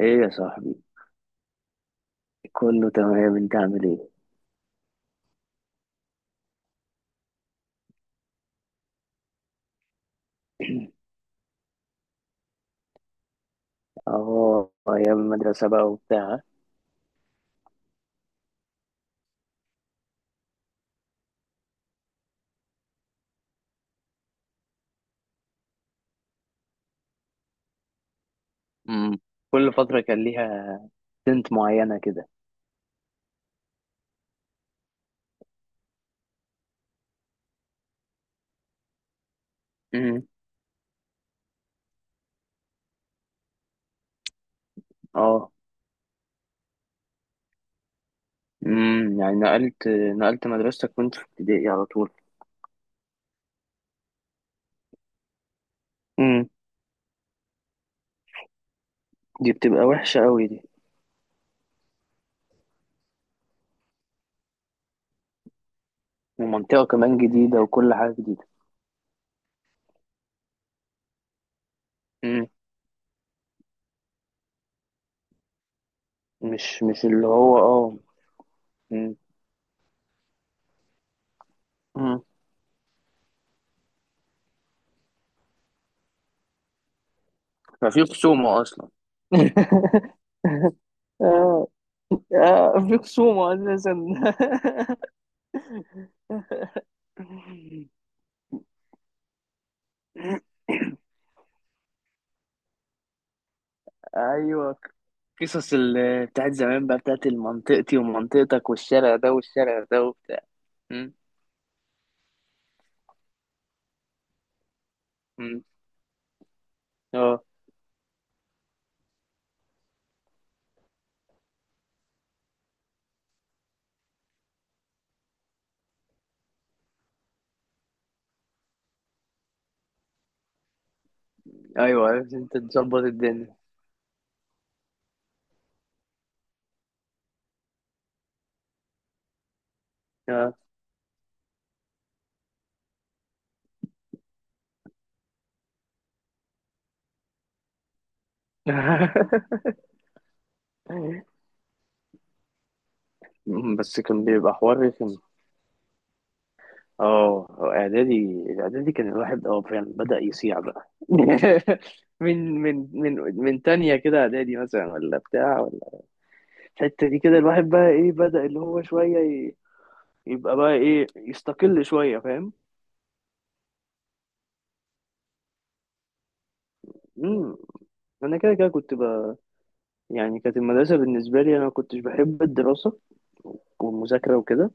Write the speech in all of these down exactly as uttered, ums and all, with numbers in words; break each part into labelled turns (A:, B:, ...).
A: ايه يا صاحبي. كله تمام، انت عامل ايه؟ اه، ايام المدرسه بقى وبتاع. امم. كل فتره كان ليها سنت معينه كده. امم. اه. امم. يعني نقلت نقلت مدرستك وانت في ابتدائي على طول؟ امم. دي بتبقى وحشه قوي دي، ومنطقه كمان جديده وكل حاجه جديده. امم. مش مش اللي هو، اه. امم. امم. ففي خصومه اصلا. اه. آه، في خصومه اساسا. ايوه، قصص ال- بتاعت زمان بقى، بتاعت منطقتي ومنطقتك والشارع ده والشارع ده وبتاع. مم. مم. اه. ايوه، عرفت انت تظبط الدنيا. اه. مم، بس كان بيبقى حوار رخم. اه. اعدادي اعدادي كان الواحد اه فعلا بدأ يصيع بقى. من من من من تانية كده، اعدادي مثلا ولا بتاع، ولا الحتة دي كده، الواحد بقى ايه بدأ اللي هو شوية ي- يبقى بقى ايه يستقل شوية، فاهم. امم. انا كده كده كنت ب... يعني كانت المدرسه بالنسبه لي، انا ما كنتش بحب الدراسه والمذاكره وكده.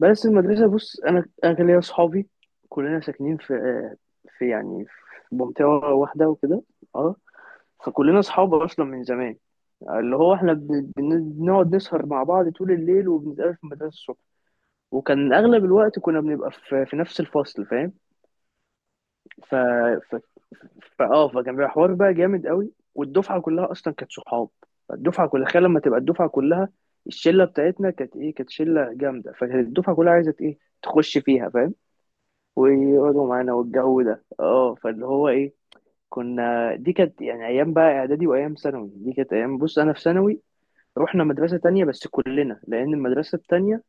A: بس المدرسه، بص، انا انا كان ليا اصحابي. كلنا ساكنين في، في، يعني، في منطقه واحده وكده. اه. فكلنا اصحاب اصلا من زمان، اللي هو احنا بن- بن- بنقعد نسهر مع بعض طول الليل، وبنتقابل في المدرسه الصبح. وكان اغلب الوقت كنا بنبقى في, في نفس الفصل، فاهم. ف ف فاه فكان بيبقى حوار بقى جامد قوي، والدفعه كلها اصلا كانت صحاب. الدفعه كلها، تخيل لما تبقى الدفعه كلها، الشله بتاعتنا كانت ايه، كانت شله جامده، فكانت الدفعه كلها عايزه ايه تخش فيها، فاهم، ويقعدوا معانا والجو ده. اه، فاللي هو ايه، كنا، دي كانت يعني ايام بقى اعدادي، وايام ثانوي دي كانت ايام. بص انا في ثانوي رحنا مدرسه تانية، بس كلنا، لان المدرسه التانية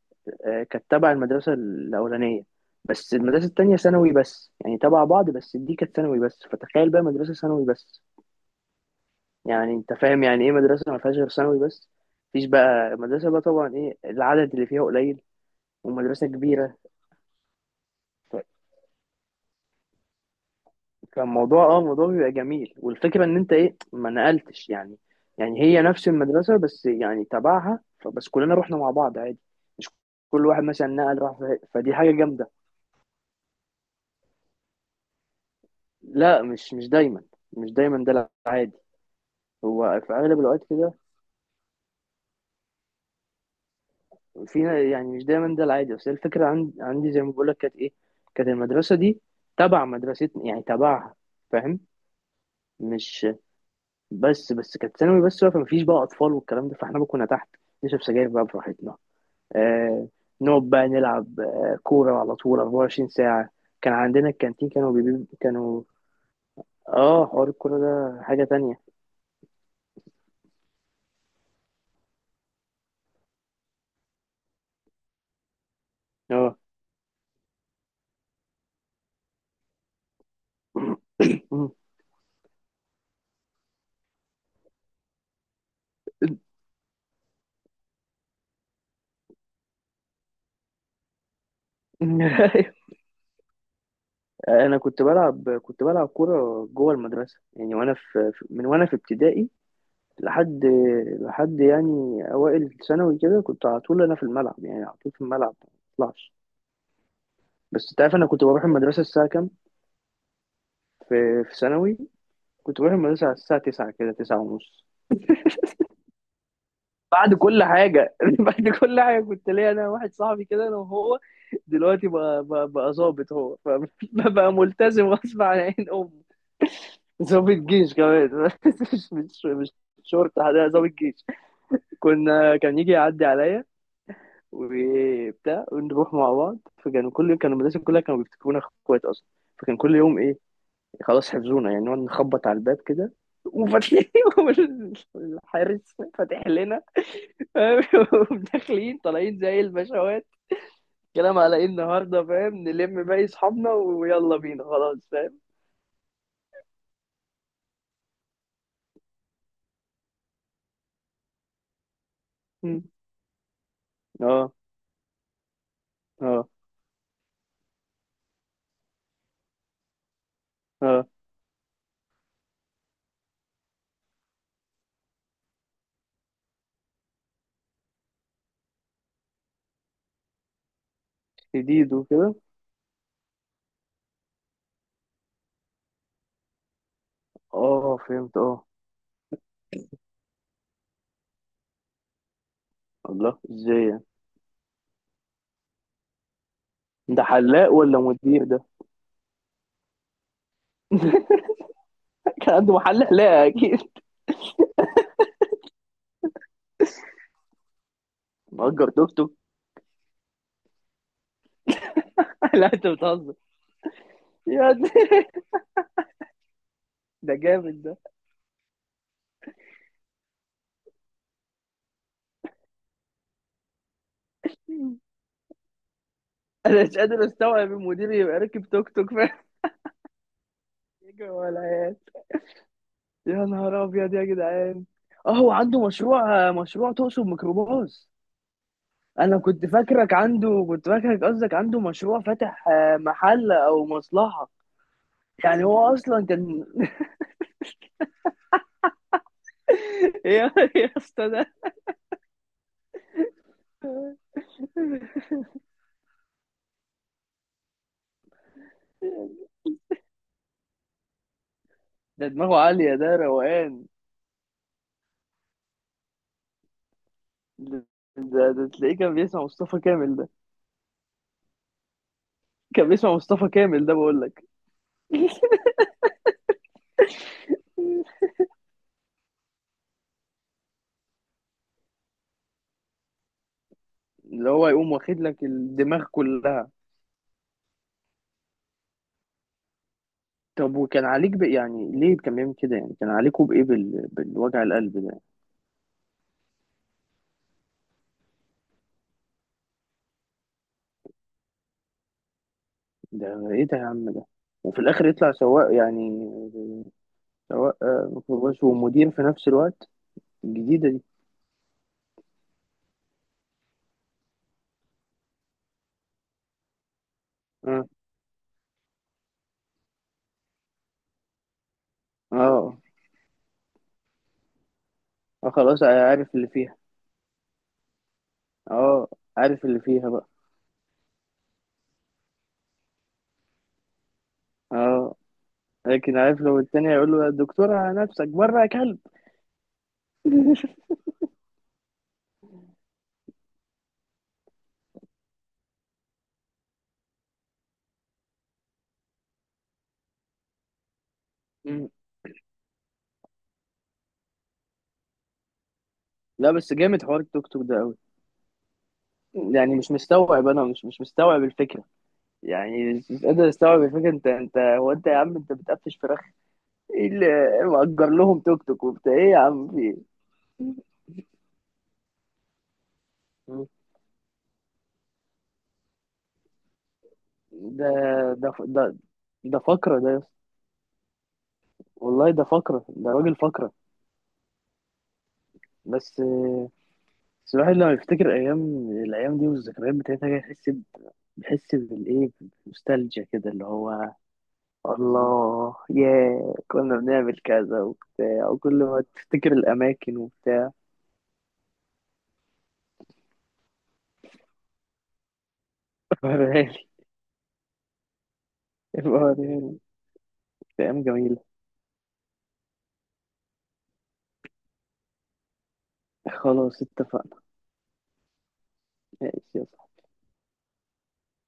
A: آه، كانت تبع المدرسة الأولانية. بس المدرسة التانية ثانوي بس، يعني تبع بعض، بس دي كانت ثانوي بس. فتخيل بقى مدرسة ثانوي بس. يعني أنت فاهم يعني إيه مدرسة ما فيهاش غير ثانوي بس؟ مفيش بقى مدرسة، بقى طبعا إيه، العدد اللي فيها قليل، ومدرسة كبيرة. ف- فالموضوع، اه الموضوع بيبقى جميل. والفكرة إن أنت إيه، ما نقلتش، يعني يعني هي نفس المدرسة بس يعني تبعها، فبس كلنا رحنا مع بعض عادي. مش كل واحد مثلا نقل راح، ف- فدي حاجة جامدة. لا، مش مش دايما. مش دايما ده العادي. هو في اغلب الوقت كده فيها، يعني مش دايما ده العادي. بس هي الفكره، عندي عندي زي ما بقول لك، كانت ايه، كانت المدرسه دي تبع مدرستنا، يعني تبعها، فاهم، مش، بس بس كانت ثانوي بس بقى، فمفيش بقى اطفال والكلام ده، فاحنا بقى كنا تحت نشرب سجاير بقى براحتنا. آه، نقعد بقى نلعب آه كوره على طول أربعة وعشرين ساعه. كان عندنا الكانتين، كانوا بيبي كانوا. اه، حوار الكوره ده حاجه تانية. اه. انا كنت بلعب كنت بلعب كوره جوه المدرسه، يعني وانا في في- من وانا في ابتدائي، لحد لحد يعني اوائل ثانوي كده، كنت على طول انا في الملعب. يعني على طول في الملعب، ما بطلعش. بس انت عارف انا كنت بروح المدرسه الساعه كام في في ثانوي؟ كنت بروح المدرسه على الساعه تسعة كده، تسعة ونص، بعد كل حاجه. بعد كل حاجه كنت ليا انا واحد صاحبي كده، انا وهو، دلوقتي بقى بقى, بقى ظابط هو، فبقى ملتزم غصب عن عين امه. ضابط جيش كمان. مش مش مش شرطة ده، ضابط جيش. كنا، كان يجي يعدي عليا وبتاع، ونروح مع بعض. فكانوا كل يوم كانوا، المدرسة كلها كانوا بيفتكرونا اخوات اصلا. فكان كل يوم ايه، خلاص حفظونا. يعني نقعد نخبط على الباب كده، وفاتحين، الحارس فاتح لنا، فاهم؟ وداخلين طالعين زي البشوات، كلام على ايه النهارده، فاهم، نلم باقي اصحابنا ويلا بينا، خلاص، فاهم. م. اه. اه. اه، جديد وكده. اه، فهمت، اه. الله، ازاي يعني؟ ده حلاق ولا مدير ده؟ كان عنده محل حلاقة اكيد. مأجر توك توك! لا، انت بتهزر. يا دي. ده جامد ده. انا مش قادر استوعب المدير يبقى راكب توك توك. فاهم، يجري ورا العيال؟ يا نهار ابيض يا جدعان. اه، هو عنده مشروع. مشروع تقصد ميكروباص؟ انا كنت فاكرك عنده، كنت فاكرك قصدك عنده مشروع فاتح، آه، محل او مصلحة. يعني هو اصلا كان. يا يا اسطى ده. ده دماغه عالية، ده روقان. ده, ده, ده تلاقيه كان بيسمع مصطفى كامل ده. كان بيسمع مصطفى كامل ده، بقول لك. اللي هو يقوم واخد لك الدماغ كلها. طب وكان عليك ب... يعني ليه كان بيعمل كده، يعني كان عليكوا بإيه، بال... بالوجع القلب ده؟ ده إيه ده يا عم ده؟ وفي الآخر يطلع سواق، يعني سواق آه، ميكروباص ومدير في نفس الوقت. الجديدة دي. اه. اه. آه، خلاص. آه، عارف اللي فيها. اه، عارف اللي فيها بقى. اه، لكن عارف، لو التاني هيقول له: يا دكتورة نفسك بره يا كلب. مم. لا، بس جامد حوار التوك توك ده قوي. يعني مش مستوعب، انا مش مش مستوعب الفكره. يعني مش مش قادر استوعب الفكره. انت انت هو انت، يا عم انت بتقفش فراخ؟ ايه اللي مأجر لهم توك توك وبتاع، ايه يا عم، في ايه؟ مم. ده ده ده ده فقره ده يا اسطى. والله ده فقره، ده راجل فقره. بس بس الواحد لما يفتكر ايام، الايام دي والذكريات بتاعتها كده، يحس ب- بيحس بالايه، بنوستالجيا كده، اللي هو الله ياه، كنا بنعمل كذا وبتاع، وكل ما تفتكر الأماكن وبتاع. وريهالي. ابقى وريهالي. كانت أيام جميلة. خلاص، اتفقنا. ماشي، يلا.